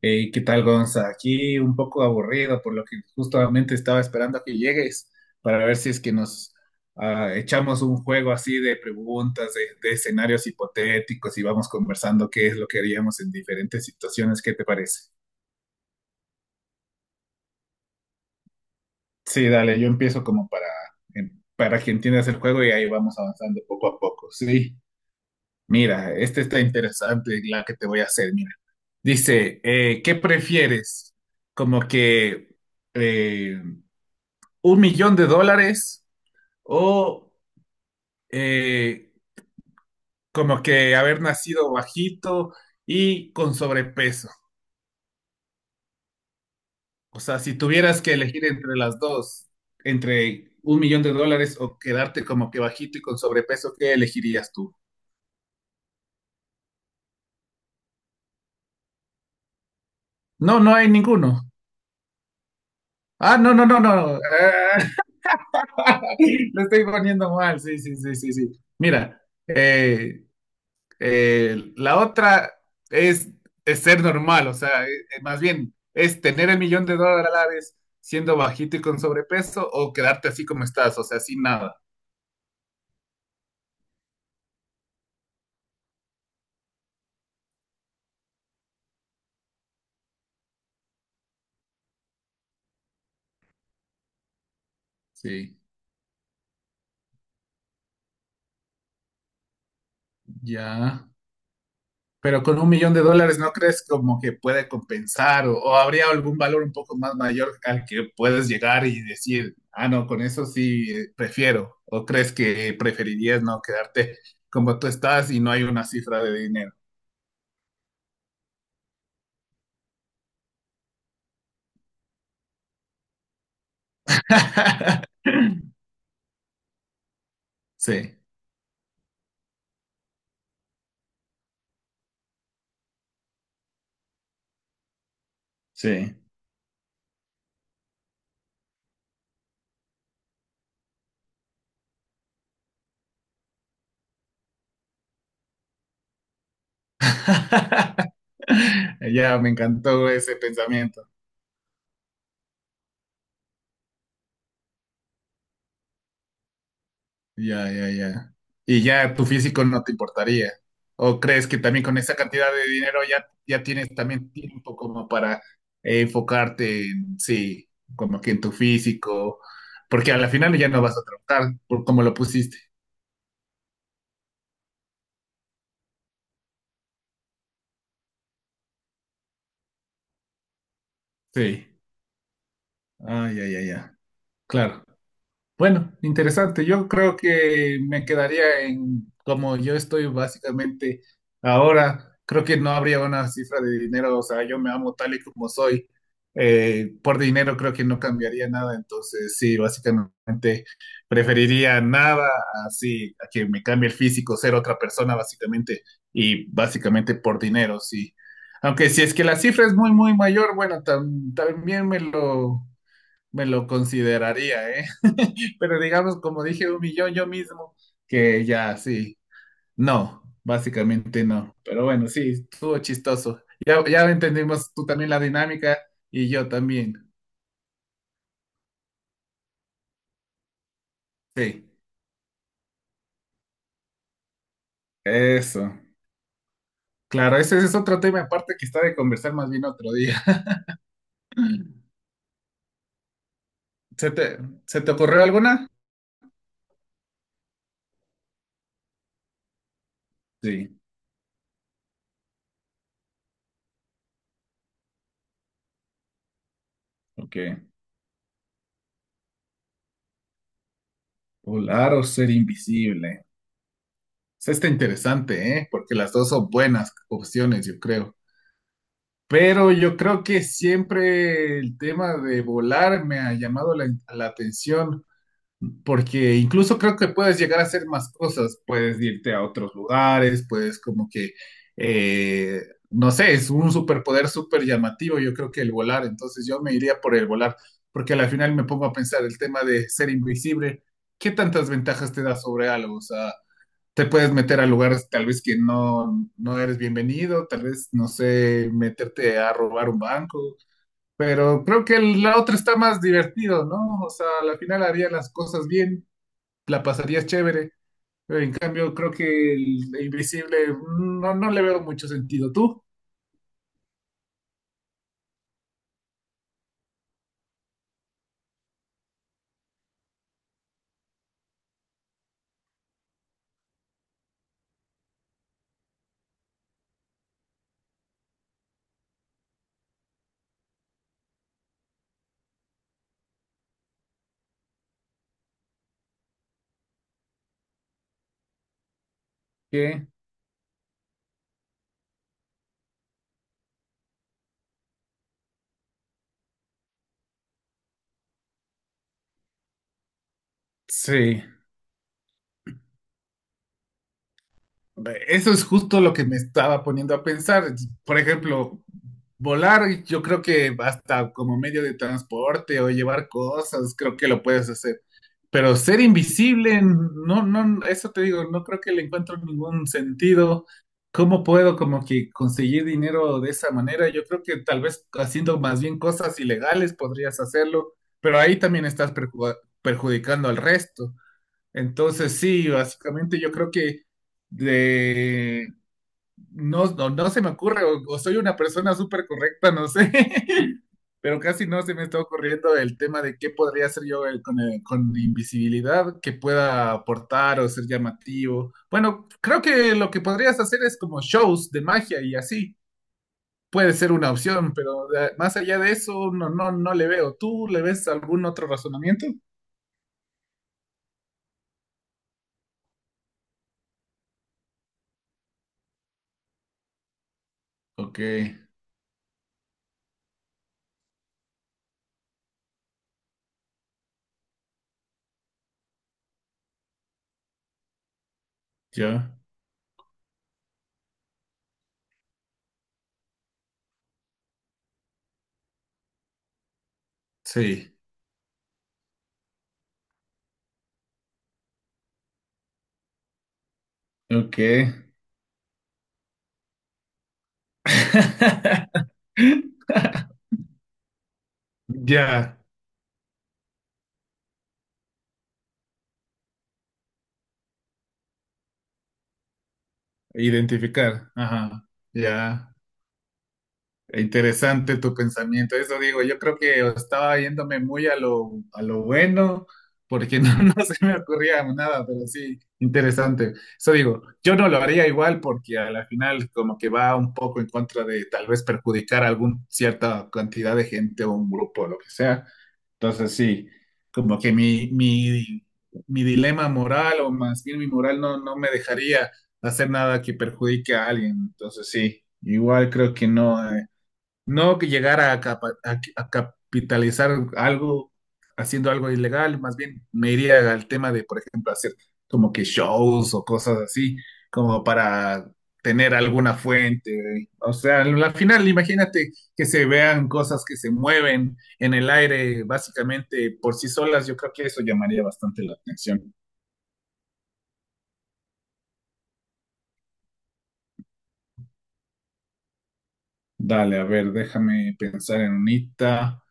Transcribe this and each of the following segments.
Hey, ¿qué tal, Gonza? Aquí un poco aburrido, por lo que justamente estaba esperando a que llegues para ver si es que nos echamos un juego así de preguntas, de escenarios hipotéticos y vamos conversando qué es lo que haríamos en diferentes situaciones. ¿Qué te parece? Sí, dale, yo empiezo como para, para que entiendas el juego y ahí vamos avanzando poco a poco. Sí, mira, este está interesante, la que te voy a hacer, mira. Dice, ¿qué prefieres? Como que... eh, un millón de dólares o eh, como que haber nacido bajito y con sobrepeso. O sea, si tuvieras que elegir entre las dos, entre un millón de dólares o quedarte como que bajito y con sobrepeso, ¿qué elegirías tú? No, no hay ninguno. Ah, no, no, no, no. Ah, lo estoy poniendo mal. Sí, sí, sí, sí, sí. Mira, eh, la otra es, es ser normal, o sea, más bien es tener el millón de dólares siendo bajito y con sobrepeso o quedarte así como estás, o sea, sin nada. Sí, ya. Pero con un millón de dólares no crees como que puede compensar o habría algún valor un poco más mayor al que puedes llegar y decir, ah, no, con eso sí prefiero. ¿O crees que preferirías no quedarte como tú estás y no hay una cifra de dinero? Sí. Sí. Ya, me encantó ese pensamiento. Ya, ya, ya. Y ya tu físico no te importaría. ¿O crees que también con esa cantidad de dinero ya, ya tienes también tiempo como para enfocarte en, sí, como que en tu físico? Porque a la final ya no vas a trabajar por cómo lo pusiste. Sí. Ah, ya, ya, ya. Claro. Bueno, interesante. Yo creo que me quedaría en como yo estoy básicamente ahora. Creo que no habría una cifra de dinero. O sea, yo me amo tal y como soy. Por dinero creo que no cambiaría nada. Entonces, sí, básicamente preferiría nada así a que me cambie el físico, ser otra persona básicamente. Y básicamente por dinero, sí. Aunque si es que la cifra es muy, muy mayor, bueno, también me lo consideraría, ¿eh? Pero digamos, como dije, un millón yo mismo, que ya, sí. No, básicamente no. Pero bueno, sí, estuvo chistoso. Ya, ya entendimos tú también la dinámica y yo también. Sí, eso. Claro, ese es otro tema aparte que está de conversar más bien otro día. ¿Se te, Se te ocurrió alguna? Sí, ok. Volar o ser invisible. Esa está interesante, ¿eh? Porque las dos son buenas opciones, yo creo. Pero yo creo que siempre el tema de volar me ha llamado la atención, porque incluso creo que puedes llegar a hacer más cosas, puedes irte a otros lugares, puedes como que, eh, no sé, es un superpoder súper llamativo, yo creo que el volar, entonces yo me iría por el volar, porque al final me pongo a pensar el tema de ser invisible, ¿qué tantas ventajas te da sobre algo? O sea, te puedes meter a lugares tal vez que no, no eres bienvenido, tal vez, no sé, meterte a robar un banco, pero creo que la otra está más divertido, ¿no? O sea, al final harías las cosas bien, la pasarías chévere, pero en cambio creo que el invisible mm, no, no le veo mucho sentido. ¿Tú? ¿Qué? Sí, eso es justo lo que me estaba poniendo a pensar. Por ejemplo, volar, yo creo que hasta como medio de transporte o llevar cosas, creo que lo puedes hacer. Pero ser invisible, no, no, eso te digo, no creo que le encuentro ningún sentido. ¿Cómo puedo como que conseguir dinero de esa manera? Yo creo que tal vez haciendo más bien cosas ilegales podrías hacerlo, pero ahí también estás perjudicando al resto. Entonces sí, básicamente yo creo que de no, no, no se me ocurre, o soy una persona súper correcta, no sé, pero casi no se me está ocurriendo el tema de qué podría hacer yo con invisibilidad que pueda aportar o ser llamativo. Bueno, creo que lo que podrías hacer es como shows de magia y así. Puede ser una opción, pero más allá de eso, no, no, no le veo. ¿Tú le ves algún otro razonamiento? Ok, yo. Sí. Ok. Ya. Identificar, ajá, ya, interesante tu pensamiento, eso digo, yo creo que estaba yéndome muy a lo bueno, porque no, no se me ocurría nada, pero sí, interesante, eso digo, yo no lo haría igual porque a la final como que va un poco en contra de tal vez perjudicar a alguna cierta cantidad de gente o un grupo o lo que sea, entonces sí, como que mi dilema moral o más bien mi moral no, no me dejaría hacer nada que perjudique a alguien. Entonces sí, igual creo que no. No que llegara a, a capitalizar algo haciendo algo ilegal, más bien me iría al tema de, por ejemplo, hacer como que shows o cosas así, como para tener alguna fuente. O sea, al final imagínate que se vean cosas que se mueven en el aire básicamente por sí solas, yo creo que eso llamaría bastante la atención. Dale, a ver, déjame pensar en unita.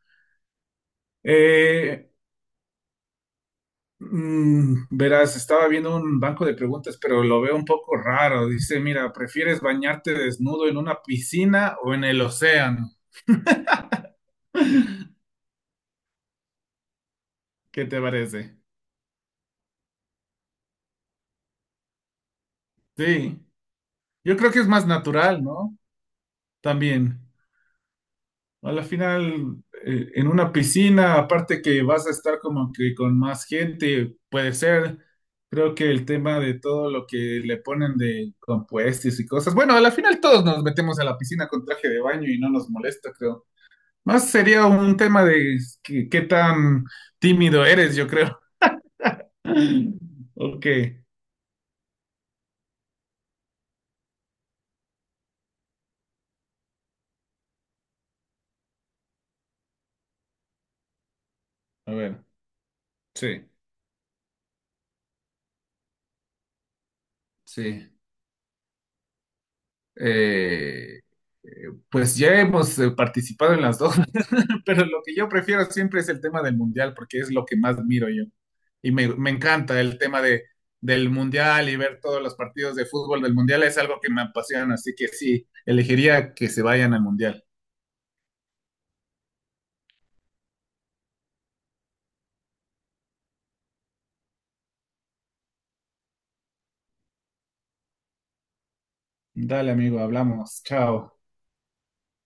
Mm, verás, estaba viendo un banco de preguntas, pero lo veo un poco raro. Dice, mira, ¿prefieres bañarte desnudo en una piscina o en el océano? ¿Qué te parece? Sí, yo creo que es más natural, ¿no? También. A la final, en una piscina, aparte que vas a estar como que con más gente, puede ser. Creo que el tema de todo lo que le ponen de compuestos y cosas. Bueno, a la final todos nos metemos a la piscina con traje de baño y no nos molesta, creo. Más sería un tema de qué tan tímido eres, yo creo. Ok, a ver, sí, sí. Eh, pues ya hemos participado en las dos, pero lo que yo prefiero siempre es el tema del mundial, porque es lo que más miro yo. Y me encanta el tema de, del mundial y ver todos los partidos de fútbol del mundial, es algo que me apasiona, así que sí, elegiría que se vayan al mundial. Dale, amigo, hablamos. Chao.